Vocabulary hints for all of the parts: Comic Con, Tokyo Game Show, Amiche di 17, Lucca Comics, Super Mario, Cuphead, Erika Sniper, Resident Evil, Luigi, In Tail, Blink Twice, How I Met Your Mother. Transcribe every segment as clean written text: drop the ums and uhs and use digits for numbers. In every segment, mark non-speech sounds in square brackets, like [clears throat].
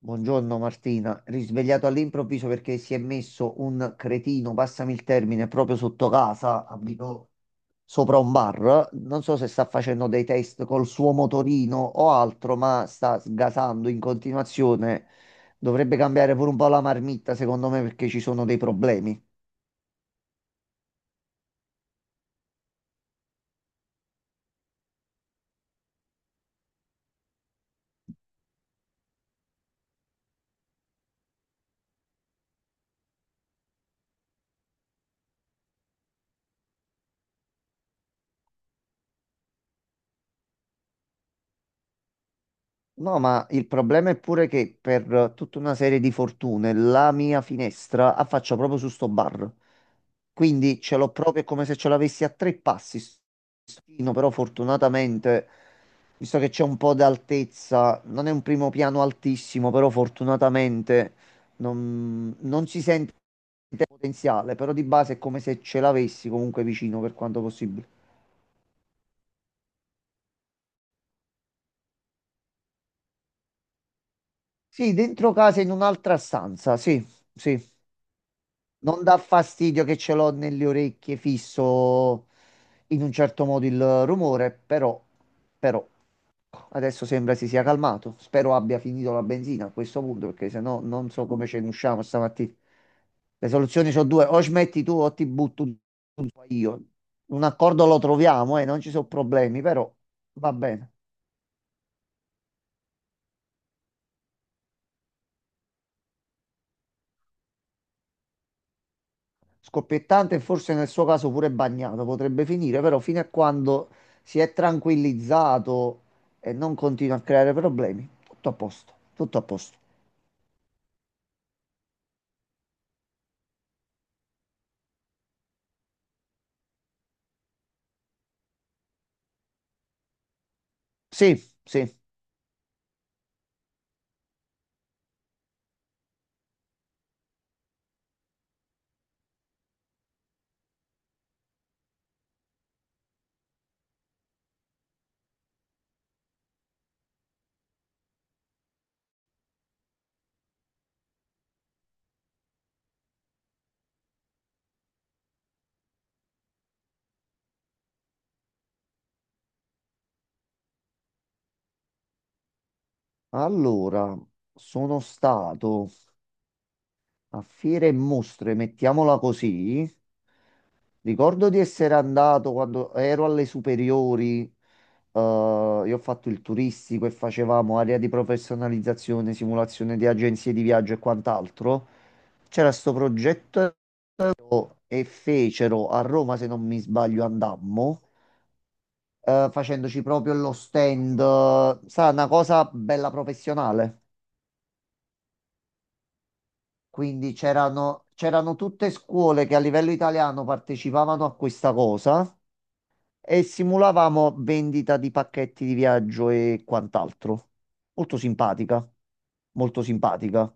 Buongiorno Martina, risvegliato all'improvviso perché si è messo un cretino, passami il termine, proprio sotto casa, abito sopra un bar. Non so se sta facendo dei test col suo motorino o altro, ma sta sgasando in continuazione. Dovrebbe cambiare pure un po' la marmitta, secondo me, perché ci sono dei problemi. No, ma il problema è pure che per tutta una serie di fortune la mia finestra affaccia proprio su sto bar. Quindi ce l'ho proprio, è come se ce l'avessi a 3 passi. Sto fino, però fortunatamente, visto che c'è un po' d'altezza, non è un primo piano altissimo, però fortunatamente non si sente potenziale, però di base è come se ce l'avessi comunque vicino per quanto possibile. Sì, dentro casa in un'altra stanza, sì, sì. Non dà fastidio che ce l'ho nelle orecchie fisso in un certo modo il rumore, però, però adesso sembra si sia calmato. Spero abbia finito la benzina a questo punto, perché se no non so come ce ne usciamo stamattina. Le soluzioni sono 2, o smetti tu o ti butto un- io. Un accordo lo troviamo e non ci sono problemi, però va bene. Scoppiettante e forse nel suo caso pure bagnato, potrebbe finire, però fino a quando si è tranquillizzato e non continua a creare problemi, tutto a posto, tutto a posto. Sì, sì. Allora, sono stato a fiere e mostre, mettiamola così. Ricordo di essere andato quando ero alle superiori. eh, io ho fatto il turistico e facevamo area di professionalizzazione, simulazione di agenzie di viaggio e quant'altro. C'era sto progetto e fecero a Roma, se non mi sbaglio, andammo, facendoci proprio lo stand, sa, una cosa bella professionale. Quindi c'erano tutte scuole che a livello italiano partecipavano a questa cosa e simulavamo vendita di pacchetti di viaggio e quant'altro. Molto simpatica, molto simpatica.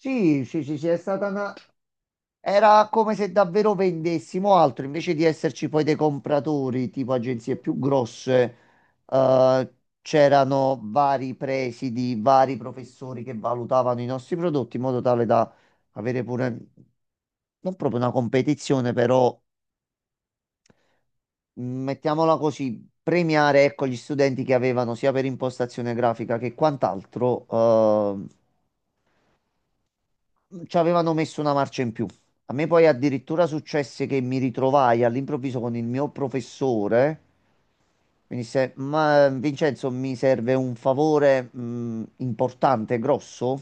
Sì, sì, sì, sì, è stata una, era come se davvero vendessimo altro, invece di esserci poi dei compratori, tipo agenzie più grosse, eh, c'erano vari presidi, vari professori che valutavano i nostri prodotti in modo tale da avere pure, non proprio una competizione, però mettiamola così, premiare, ecco, gli studenti che avevano sia per impostazione grafica che quant'altro, eh, mhmm, ci avevano messo una marcia in più. A me poi addirittura successe che mi ritrovai all'improvviso con il mio professore. Mi disse, ma Vincenzo, mi serve un favore, importante, grosso.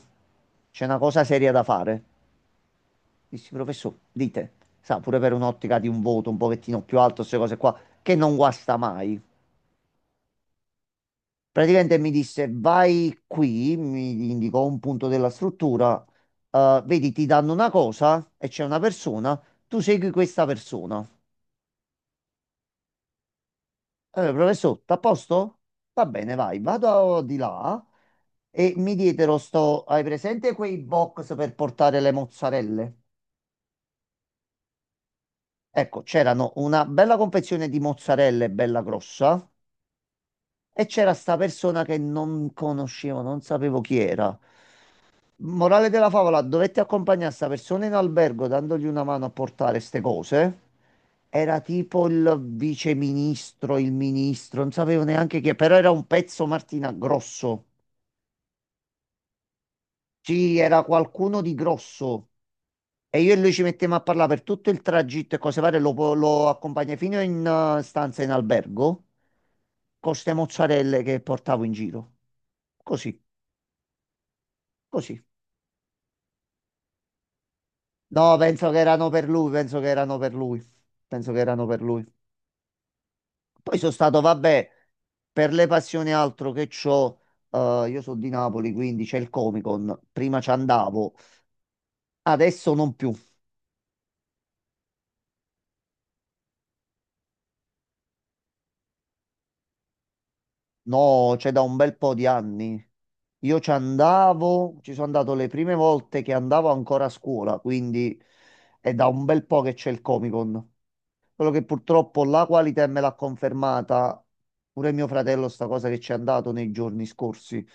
C'è una cosa seria da fare. Dissi, professore, dite, sa, pure per un'ottica di un voto un pochettino più alto, queste cose qua, che non guasta mai. Praticamente mi disse vai qui, mi indicò un punto della struttura, vedi ti danno una cosa e c'è una persona, tu segui questa persona. Professor, t'à a posto? Va bene, vai, vado di là e mi dietro sto, hai presente quei box per portare le mozzarelle? Ecco, c'erano una bella confezione di mozzarelle, bella grossa, e c'era sta persona che non conoscevo, non sapevo chi era. Morale della favola, dovetti accompagnare sta persona in albergo dandogli una mano a portare ste cose. Era tipo il viceministro, il ministro, non sapevo neanche chi, però era un pezzo Martina grosso. Sì, era qualcuno di grosso. E io e lui ci mettemmo a parlare per tutto il tragitto e cose varie, lo, po- lo accompagnai fino in stanza in albergo con ste mozzarelle che portavo in giro. Così, così. No, penso che erano per lui, penso che erano per lui. Penso che erano per lui. Poi sono stato, vabbè, per le passioni altro che c'ho, io sono di Napoli, quindi c'è il Comic Con, prima ci andavo, adesso non più, no, c'è da un bel po' di anni. Io ci andavo, ci sono andato le prime volte che andavo ancora a scuola, quindi è da un bel po' che c'è il Comic Con. Quello che purtroppo la qualità me l'ha confermata pure mio fratello sta cosa che ci è andato nei giorni scorsi.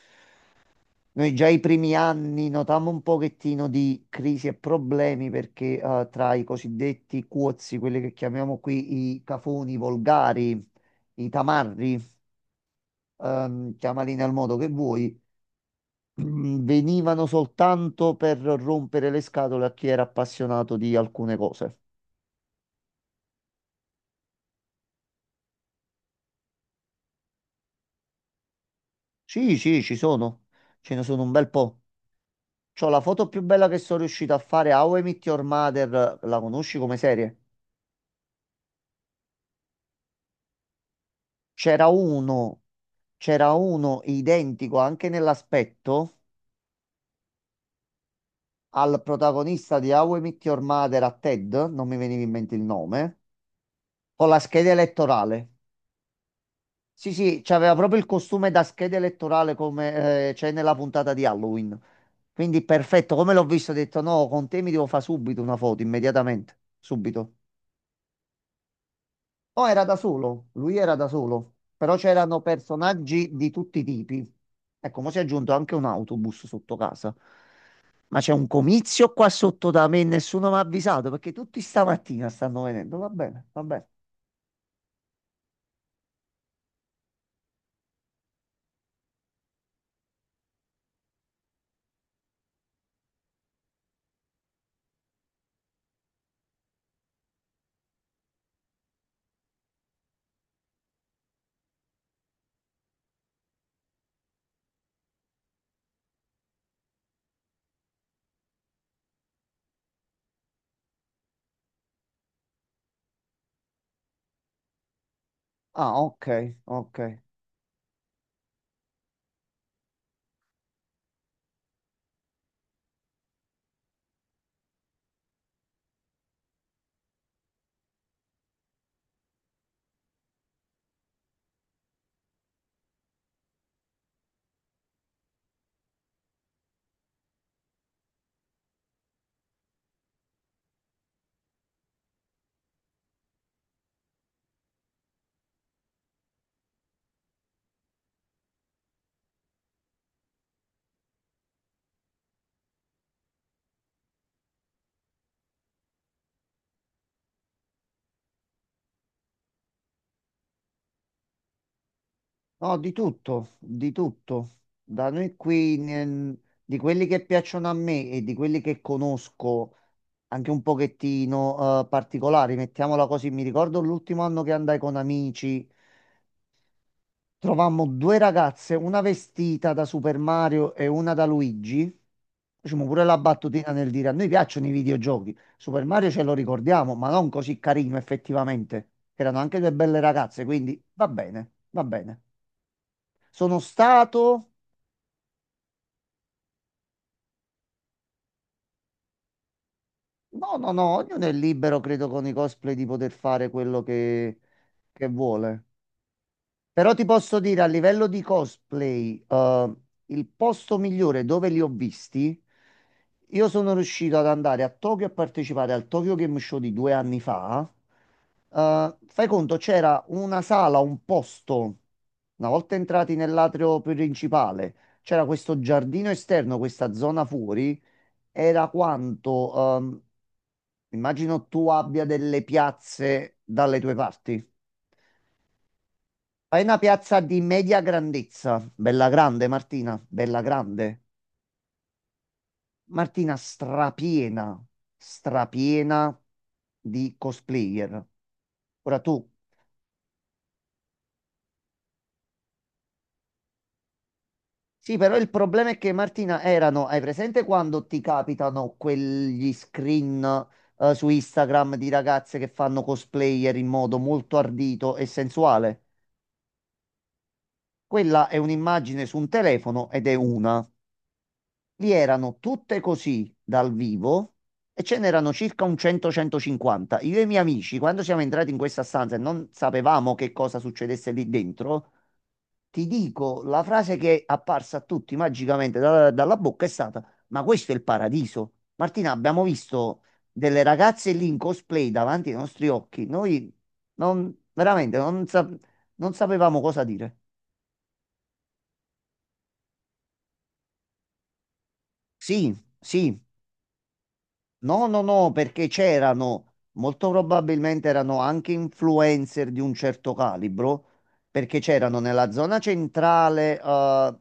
Noi già i primi anni notammo un pochettino di crisi e problemi perché tra i cosiddetti cuozzi, quelli che chiamiamo qui i cafoni volgari, i tamarri, chiamali nel modo che vuoi, [clears throat] venivano soltanto per rompere le scatole a chi era appassionato di alcune cose. Sì, sì, ci sono, ce ne sono un bel po'. C'ho la foto più bella che sono riuscito a fare a How I Met Your Mother, la conosci come serie? C'era uno, c'era uno identico anche nell'aspetto al protagonista di How I Met Your Mother a Ted, non mi veniva in mente il nome, con la scheda elettorale. Sì, sì, c'aveva proprio il costume da scheda elettorale come c'è nella puntata di Halloween. Quindi perfetto, come l'ho visto, ho detto no, con te mi devo fare subito una foto, immediatamente, subito. Oh, era da solo, lui era da solo, però c'erano personaggi di tutti i tipi. Ecco, mo si è aggiunto anche un autobus sotto casa. Ma c'è un comizio qua sotto da me e nessuno mi ha avvisato perché tutti stamattina stanno venendo. Va bene, va bene. Ah, ok, ok. No, di tutto, di tutto. Da noi qui, ne- di quelli che piacciono a me e di quelli che conosco anche un pochettino particolari, mettiamola così. Mi ricordo l'ultimo anno che andai con amici. Trovammo 2 ragazze, una vestita da Super Mario e una da Luigi. Facciamo pure la battutina nel dire a noi piacciono i videogiochi. Super Mario ce lo ricordiamo, ma non così carino effettivamente. Erano anche 2 belle ragazze, quindi va bene, va bene. Sono stato... No, no, no, ognuno è libero, credo, con i cosplay di poter fare quello che vuole. Però ti posso dire a livello di cosplay, il posto migliore dove li ho visti, io sono riuscito ad andare a Tokyo a partecipare al Tokyo Game Show di 2 anni fa. Fai conto, c'era una sala, un posto, una volta entrati nell'atrio principale, c'era questo giardino esterno, questa zona fuori, era quanto, immagino tu abbia delle piazze dalle tue parti. Fai una piazza di media grandezza, bella grande. Martina strapiena, strapiena di cosplayer. Ora tu. Sì, però il problema è che Martina erano, hai presente quando ti capitano quegli screen su Instagram di ragazze che fanno cosplayer in modo molto ardito e sensuale? Quella è un'immagine su un telefono ed è una. Vi erano tutte così dal vivo e ce n'erano circa un 100-150. Io e i miei amici, quando siamo entrati in questa stanza e non sapevamo che cosa succedesse lì dentro, ti dico la frase che è apparsa a tutti magicamente da- dalla bocca è stata: ma questo è il paradiso. Martina, abbiamo visto delle ragazze lì in cosplay davanti ai nostri occhi. Noi non, veramente non sa- non sapevamo cosa dire. Sì, sì. No, no, no, perché c'erano, molto probabilmente erano anche influencer di un certo calibro, perché c'erano nella zona centrale,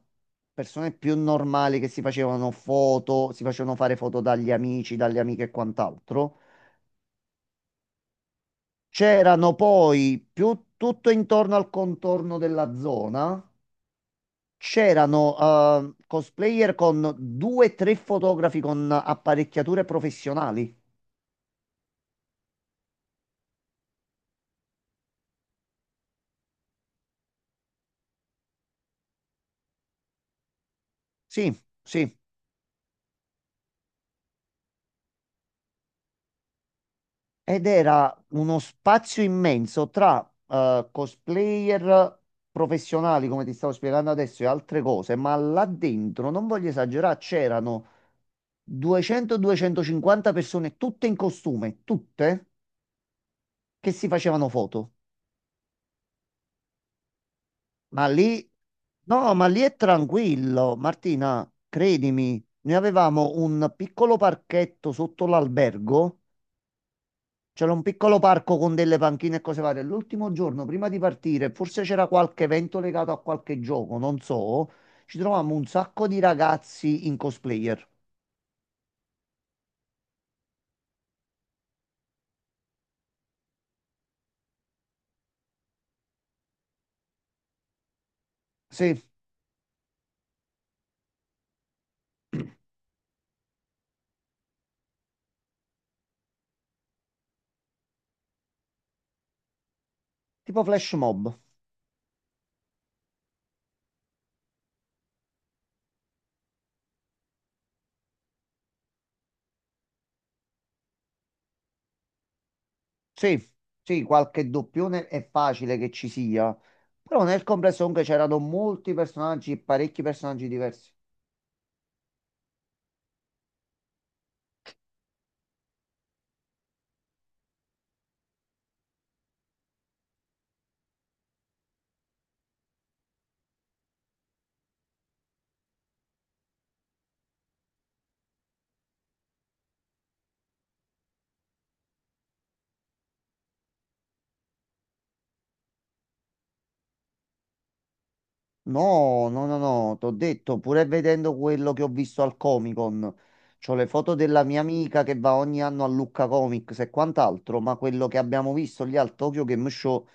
persone più normali che si facevano foto, si facevano fare foto dagli amici, dalle amiche e quant'altro. C'erano poi più tutto intorno al contorno della zona, c'erano, cosplayer con 2, o 3 fotografi con apparecchiature professionali. Sì, sì. Ed era uno spazio immenso tra cosplayer professionali, come ti stavo spiegando adesso, e altre cose, ma là dentro, non voglio esagerare, c'erano 200-250 persone, tutte in costume, tutte, che si facevano foto. Ma lì, no, ma lì è tranquillo, Martina, credimi, noi avevamo un piccolo parchetto sotto l'albergo. C'era un piccolo parco con delle panchine e cose varie. L'ultimo giorno, prima di partire, forse c'era qualche evento legato a qualche gioco, non so, ci trovammo un sacco di ragazzi in cosplayer. Sì, tipo flash mob. Sì, sì, qualche doppione è facile che ci sia. Però nel complesso comunque c'erano molti personaggi, parecchi personaggi diversi. No, no, no, no, t'ho detto, pure vedendo quello che ho visto al Comic Con, c'ho le foto della mia amica che va ogni anno a Lucca Comics e quant'altro, ma quello che abbiamo visto lì al Tokyo Game Show,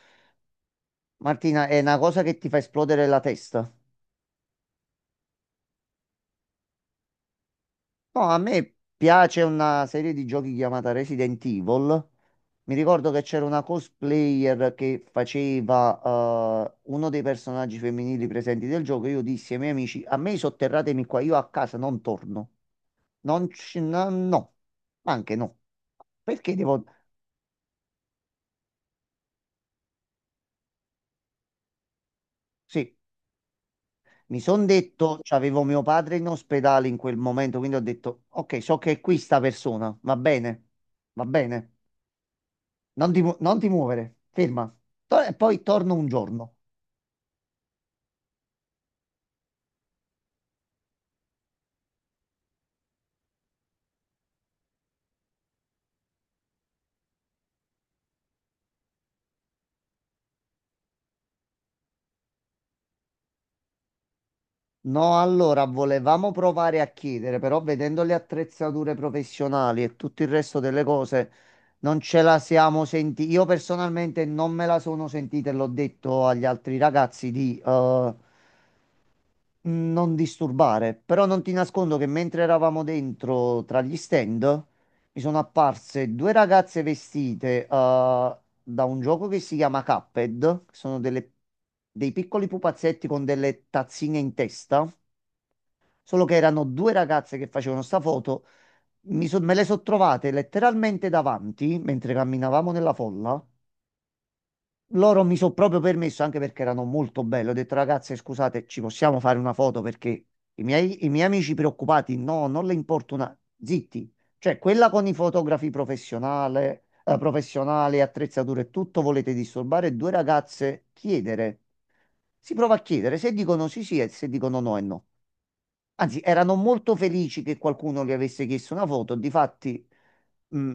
Martina, è una cosa che ti fa esplodere la testa. No, a me piace una serie di giochi chiamata Resident Evil. Mi ricordo che c'era una cosplayer che faceva uno dei personaggi femminili presenti del gioco. Io dissi ai miei amici: a me sotterratemi qua, io a casa non torno. Non ci, no, no. Ma anche no. Perché devo... Sì, mi sono detto, c'avevo mio padre in ospedale in quel momento, quindi ho detto, ok, so che è qui sta persona, va bene, non ti, mu- non ti muovere, ferma. To- e poi torno un giorno. No, allora volevamo provare a chiedere, però vedendo le attrezzature professionali e tutto il resto delle cose, non ce la siamo sentiti. Io personalmente non me la sono sentita e l'ho detto agli altri ragazzi di... non disturbare, però non ti nascondo che mentre eravamo dentro tra gli stand mi sono apparse 2 ragazze vestite da un gioco che si chiama Cuphead, che sono delle- dei piccoli pupazzetti con delle tazzine in testa, solo che erano 2 ragazze che facevano sta foto, mi so- me le sono trovate letteralmente davanti mentre camminavamo nella folla loro mi sono proprio permesso, anche perché erano molto belle, ho detto ragazze, scusate, ci possiamo fare una foto perché i miei amici preoccupati, no, non le importa una... Zitti, cioè quella con i fotografi professionale, professionali, attrezzature e tutto, volete disturbare 2 ragazze, chiedere. Si prova a chiedere, se dicono sì sì e se dicono no è no. Anzi, erano molto felici che qualcuno gli avesse chiesto una foto. Difatti, mh,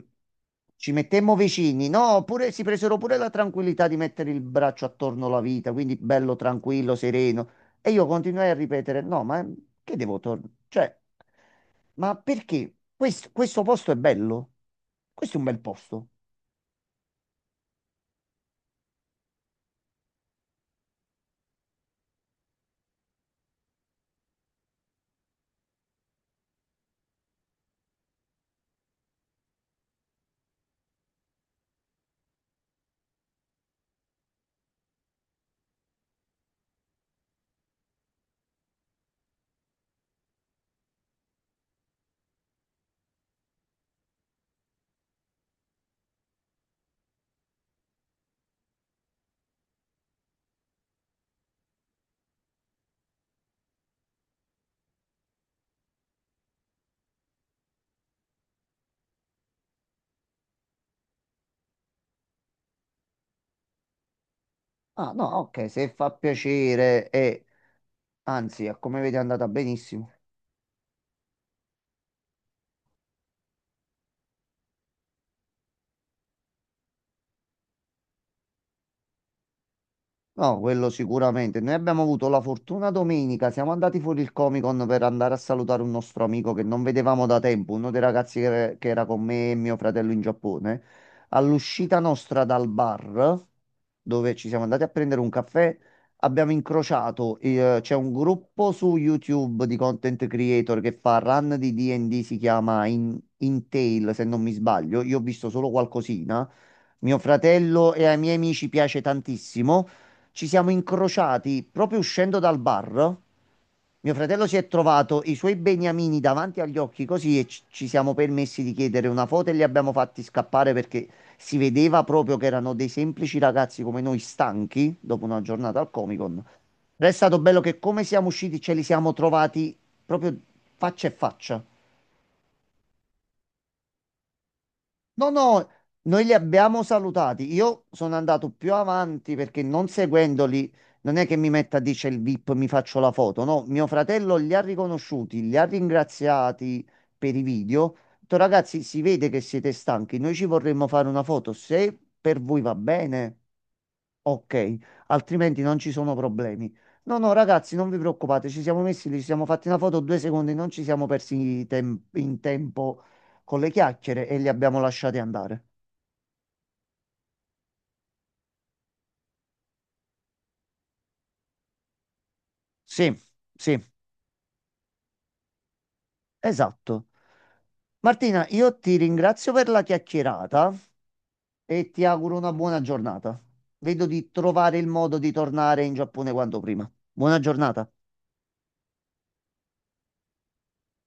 ci mettemmo vicini, no? Oppure si presero pure la tranquillità di mettere il braccio attorno alla vita, quindi bello, tranquillo, sereno. E io continuai a ripetere: no, ma che devo tornare? Cioè, ma perché? Questo posto è bello? Questo è un bel posto. Ah, no, ok, se fa piacere e anzi, a come vedi è andata benissimo. No, quello sicuramente. Noi abbiamo avuto la fortuna domenica, siamo andati fuori il Comic Con per andare a salutare un nostro amico che non vedevamo da tempo, uno dei ragazzi che era con me e mio fratello in Giappone. All'uscita nostra dal bar, dove ci siamo andati a prendere un caffè, abbiamo incrociato, c'è un gruppo su YouTube di content creator che fa run di D&D, si chiama In, Tail, se non mi sbaglio. Io ho visto solo qualcosina. Mio fratello e ai miei amici piace tantissimo. Ci siamo incrociati proprio uscendo dal bar. Mio fratello si è trovato i suoi beniamini davanti agli occhi così e ci siamo permessi di chiedere una foto e li abbiamo fatti scappare perché si vedeva proprio che erano dei semplici ragazzi come noi, stanchi dopo una giornata al Comic Con. Ed è stato bello che come siamo usciti ce li siamo trovati proprio faccia a faccia. No, no, noi li abbiamo salutati. Io sono andato più avanti perché non seguendoli non è che mi metta, dice il VIP, mi faccio la foto. No, mio fratello li ha riconosciuti, li ha ringraziati per i video. Ho detto, ragazzi, si vede che siete stanchi, noi ci vorremmo fare una foto. Se per voi va bene. Ok, altrimenti non ci sono problemi. No, no, ragazzi, non vi preoccupate, ci siamo messi lì, ci siamo fatti una foto 2 secondi, non ci siamo persi i tem- in tempo con le chiacchiere e li abbiamo lasciati andare. Sì, sì, esatto. Martina, io ti ringrazio per la chiacchierata e ti auguro una buona giornata. Vedo di trovare il modo di tornare in Giappone quanto prima. Buona giornata.